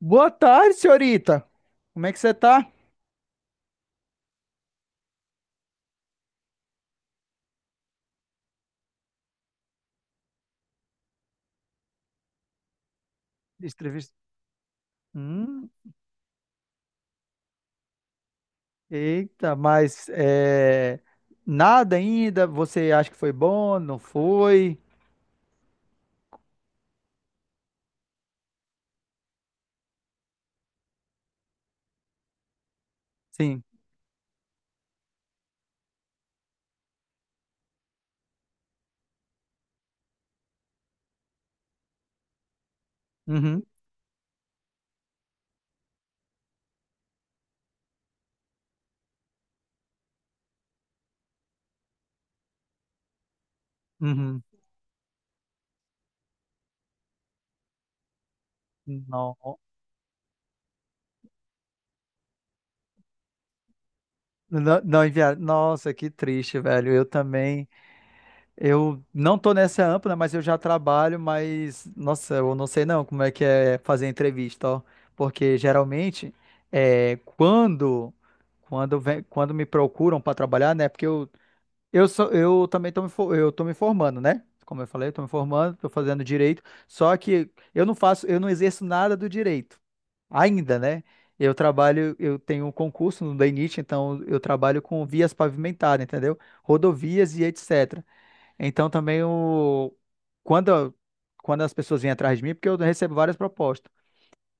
Boa tarde, senhorita. Como é que você tá? Entrevista. Hum, eita, nada ainda. Você acha que foi bom? Não foi? Sim. Uhum, uhum. Não, não, não enviaram. Nossa, que triste, velho. Eu também. Eu não tô nessa ampla, mas eu já trabalho. Mas, nossa, eu não sei não como é que é fazer entrevista, ó. Porque geralmente é quando. Quando me procuram para trabalhar, né? Porque eu, sou, eu também estou eu tô me formando, né? Como eu falei, estou me formando, estou fazendo direito, só que eu não exerço nada do direito ainda, né? Eu trabalho, eu tenho um concurso no DENIT, então eu trabalho com vias pavimentadas, entendeu? Rodovias e etc. Então também o, quando, quando as pessoas vêm atrás de mim, porque eu recebo várias propostas.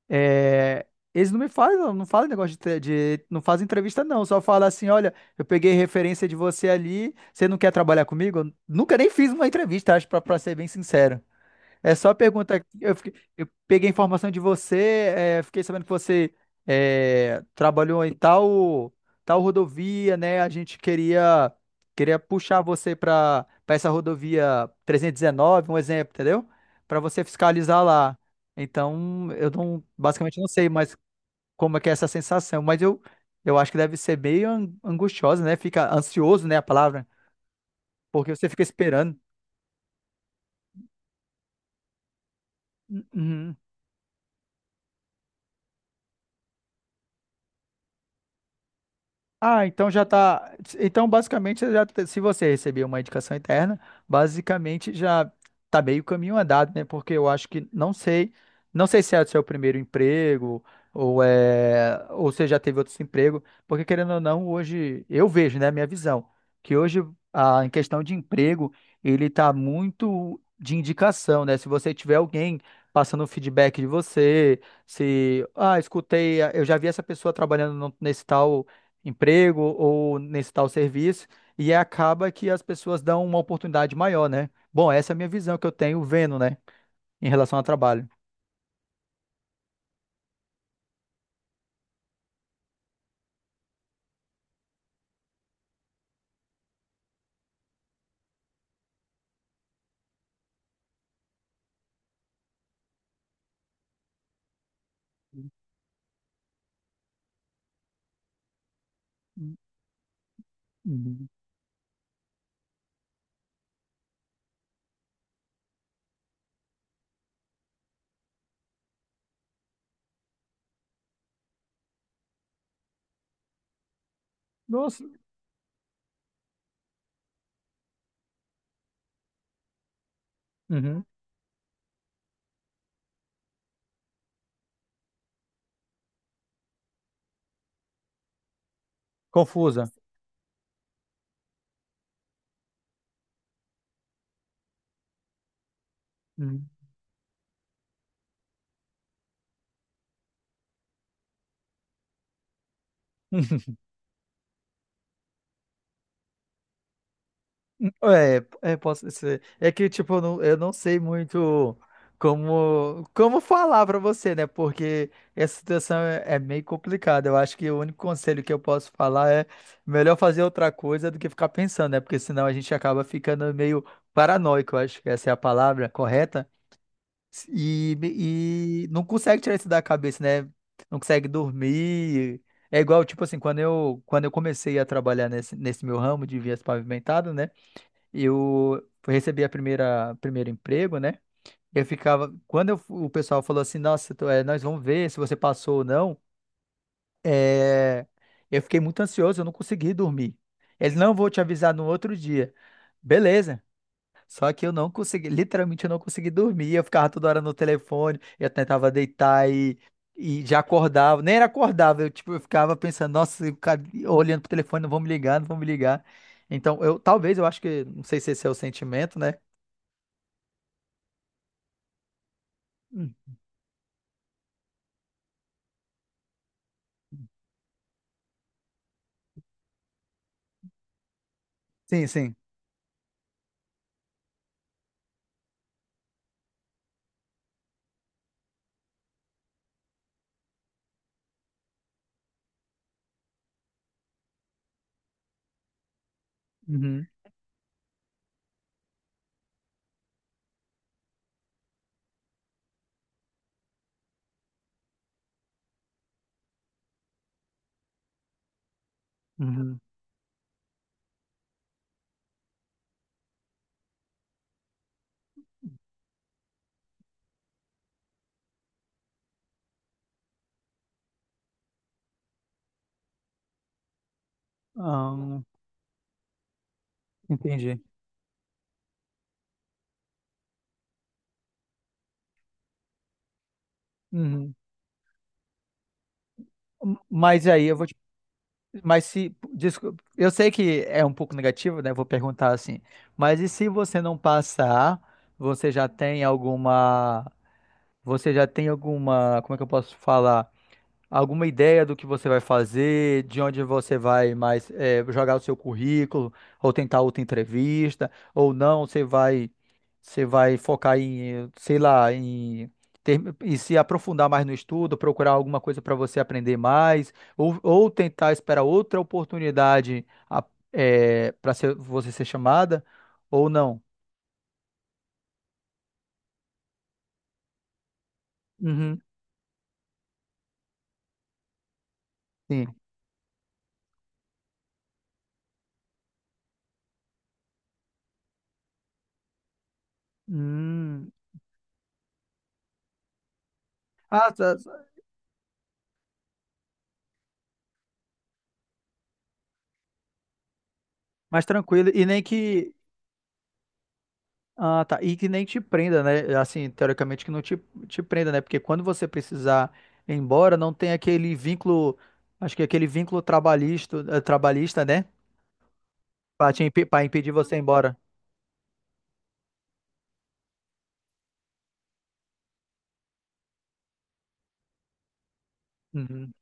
É, eles não me falam, não falam negócio de, tre- de- não fazem entrevista não, só falam assim, olha, eu peguei referência de você ali, você não quer trabalhar comigo? Eu nunca nem fiz uma entrevista, acho, pra ser bem sincero. É só pergunta. Eu peguei informação de você, fiquei sabendo que você trabalhou em tal, tal rodovia, né? Queria puxar você para essa rodovia 319, um exemplo, entendeu? Para você fiscalizar lá. Então, eu não, basicamente não sei mais como é que é essa sensação, eu acho que deve ser meio angustiosa, né? Fica ansioso, né? A palavra, porque você fica esperando. Uhum. Ah, então já tá. Então, basicamente, se você receber uma indicação interna, basicamente já tá meio caminho andado, né? Porque eu acho que não sei, não sei se é o seu primeiro emprego ou é, ou você já teve outros empregos, porque querendo ou não, hoje eu vejo, né, minha visão, que hoje a em questão de emprego, ele tá muito de indicação, né? Se você tiver alguém passando um feedback de você, se, ah, escutei, eu já vi essa pessoa trabalhando nesse tal emprego ou nesse tal serviço, e acaba que as pessoas dão uma oportunidade maior, né? Bom, essa é a minha visão que eu tenho vendo, né, em relação ao trabalho. Uhum. Nossa. Uhum. Confusa. Uhum. É, é, posso ser. É que, tipo, eu não sei muito como, como falar pra você, né? Porque essa situação é, é meio complicada. Eu acho que o único conselho que eu posso falar é melhor fazer outra coisa do que ficar pensando, né? Porque senão a gente acaba ficando meio paranoico, eu acho que essa é a palavra correta. E, e não consegue tirar isso da cabeça, né? Não consegue dormir. É igual, tipo assim, quando eu comecei a trabalhar nesse meu ramo de vias pavimentadas, né? Eu recebi a primeira primeiro emprego, né? Eu ficava, quando o pessoal falou assim, nossa, nós vamos ver se você passou ou não, é, eu fiquei muito ansioso, eu não consegui dormir. Eles não vou te avisar no outro dia. Beleza. Só que eu não consegui, literalmente eu não consegui dormir, eu ficava toda hora no telefone, eu tentava deitar e já acordava, nem era acordava, eu tipo, eu ficava pensando, nossa, olhando pro telefone, não vão me ligar, não vão me ligar. Então, eu acho que, não sei se esse é o sentimento, né? Hum. Sim, sim. Uhum, uhum. Ah, entendi. Uhum. Mas aí eu vou te... Mas se... Desculpa, eu sei que é um pouco negativo, né? Vou perguntar assim. Mas e se você não passar, você já tem alguma... Você já tem alguma... Como é que eu posso falar? Alguma ideia do que você vai fazer, de onde você vai mais jogar o seu currículo, ou tentar outra entrevista, ou não, você vai focar em, sei lá, em ter, e se aprofundar mais no estudo, procurar alguma coisa para você aprender mais, ou tentar esperar outra oportunidade para você ser chamada, ou não. Uhum, sim. Hum. Ah, tá, mais tranquilo. E nem que... Ah, tá. E que nem te prenda, né? Assim, teoricamente que não te, te prenda, né? Porque quando você precisar ir embora, não tem aquele vínculo, acho que é aquele vínculo trabalhista, trabalhista, né? Pra impedir você ir embora. Uhum.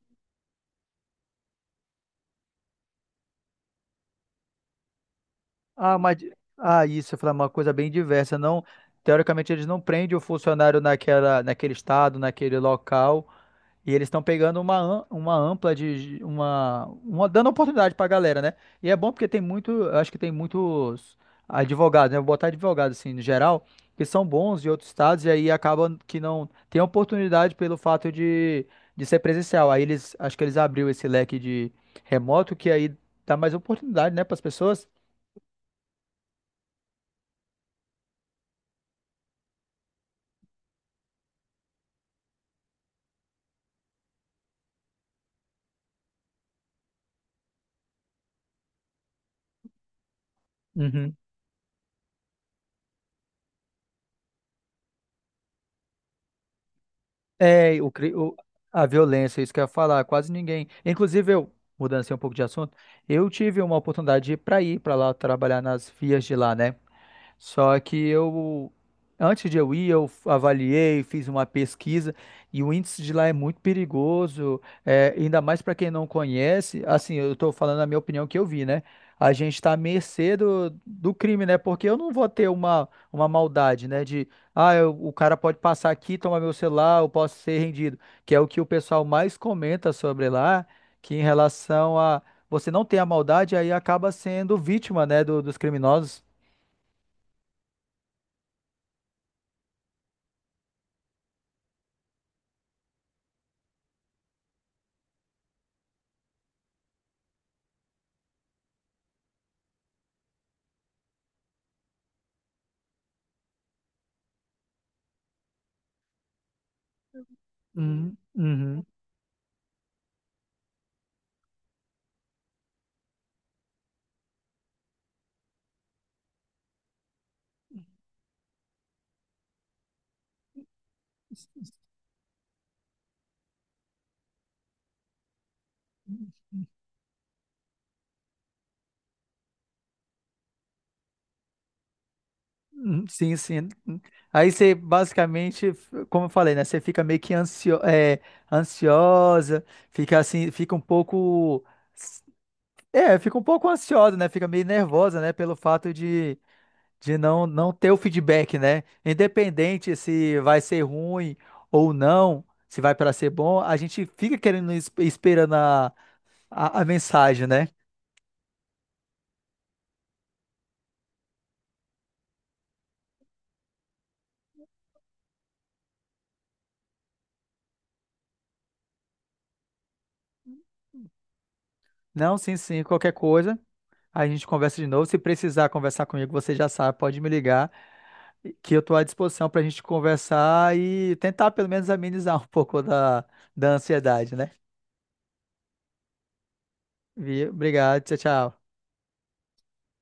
Ah, mas. Ah, isso, eu falei uma coisa bem diversa. Não, teoricamente, eles não prendem o funcionário naquele estado, naquele local. E eles estão pegando uma ampla de uma dando oportunidade pra galera, né? E é bom porque tem muito, eu acho que tem muitos advogados, né? Vou botar advogado assim, no geral, que são bons de outros estados e aí acabam que não tem oportunidade pelo fato de ser presencial. Aí eles, acho que eles abriu esse leque de remoto que aí dá mais oportunidade, né, para as pessoas. É, o, cri- o- a violência, isso que eu ia falar, quase ninguém. Inclusive, mudando assim um pouco de assunto, eu tive uma oportunidade para ir para lá trabalhar nas vias de lá, né? Só que eu, antes de eu ir, eu avaliei, fiz uma pesquisa e o índice de lá é muito perigoso, é, ainda mais para quem não conhece. Assim, eu estou falando a minha opinião que eu vi, né? A gente está à mercê do crime, né? Porque eu não vou ter uma maldade, né? De, ah, o cara pode passar aqui, tomar meu celular, eu posso ser rendido. Que é o que o pessoal mais comenta sobre lá, que em relação a você não ter a maldade, aí acaba sendo vítima, né, dos criminosos. Uhum, uhum. Uhum. Sim, sim. Aí você basicamente, como eu falei, né? Você fica meio que ansiosa, fica assim, fica um pouco. É, fica um pouco ansiosa, né? Fica meio nervosa, né? Pelo fato de, não ter o feedback, né? Independente se vai ser ruim ou não, se vai para ser bom, a gente fica querendo, esperando a mensagem, né? Não, sim, sim, qualquer coisa. A gente conversa de novo. Se precisar conversar comigo, você já sabe, pode me ligar, que eu estou à disposição para a gente conversar e tentar pelo menos amenizar um pouco da ansiedade, né? Obrigado, tchau, tchau.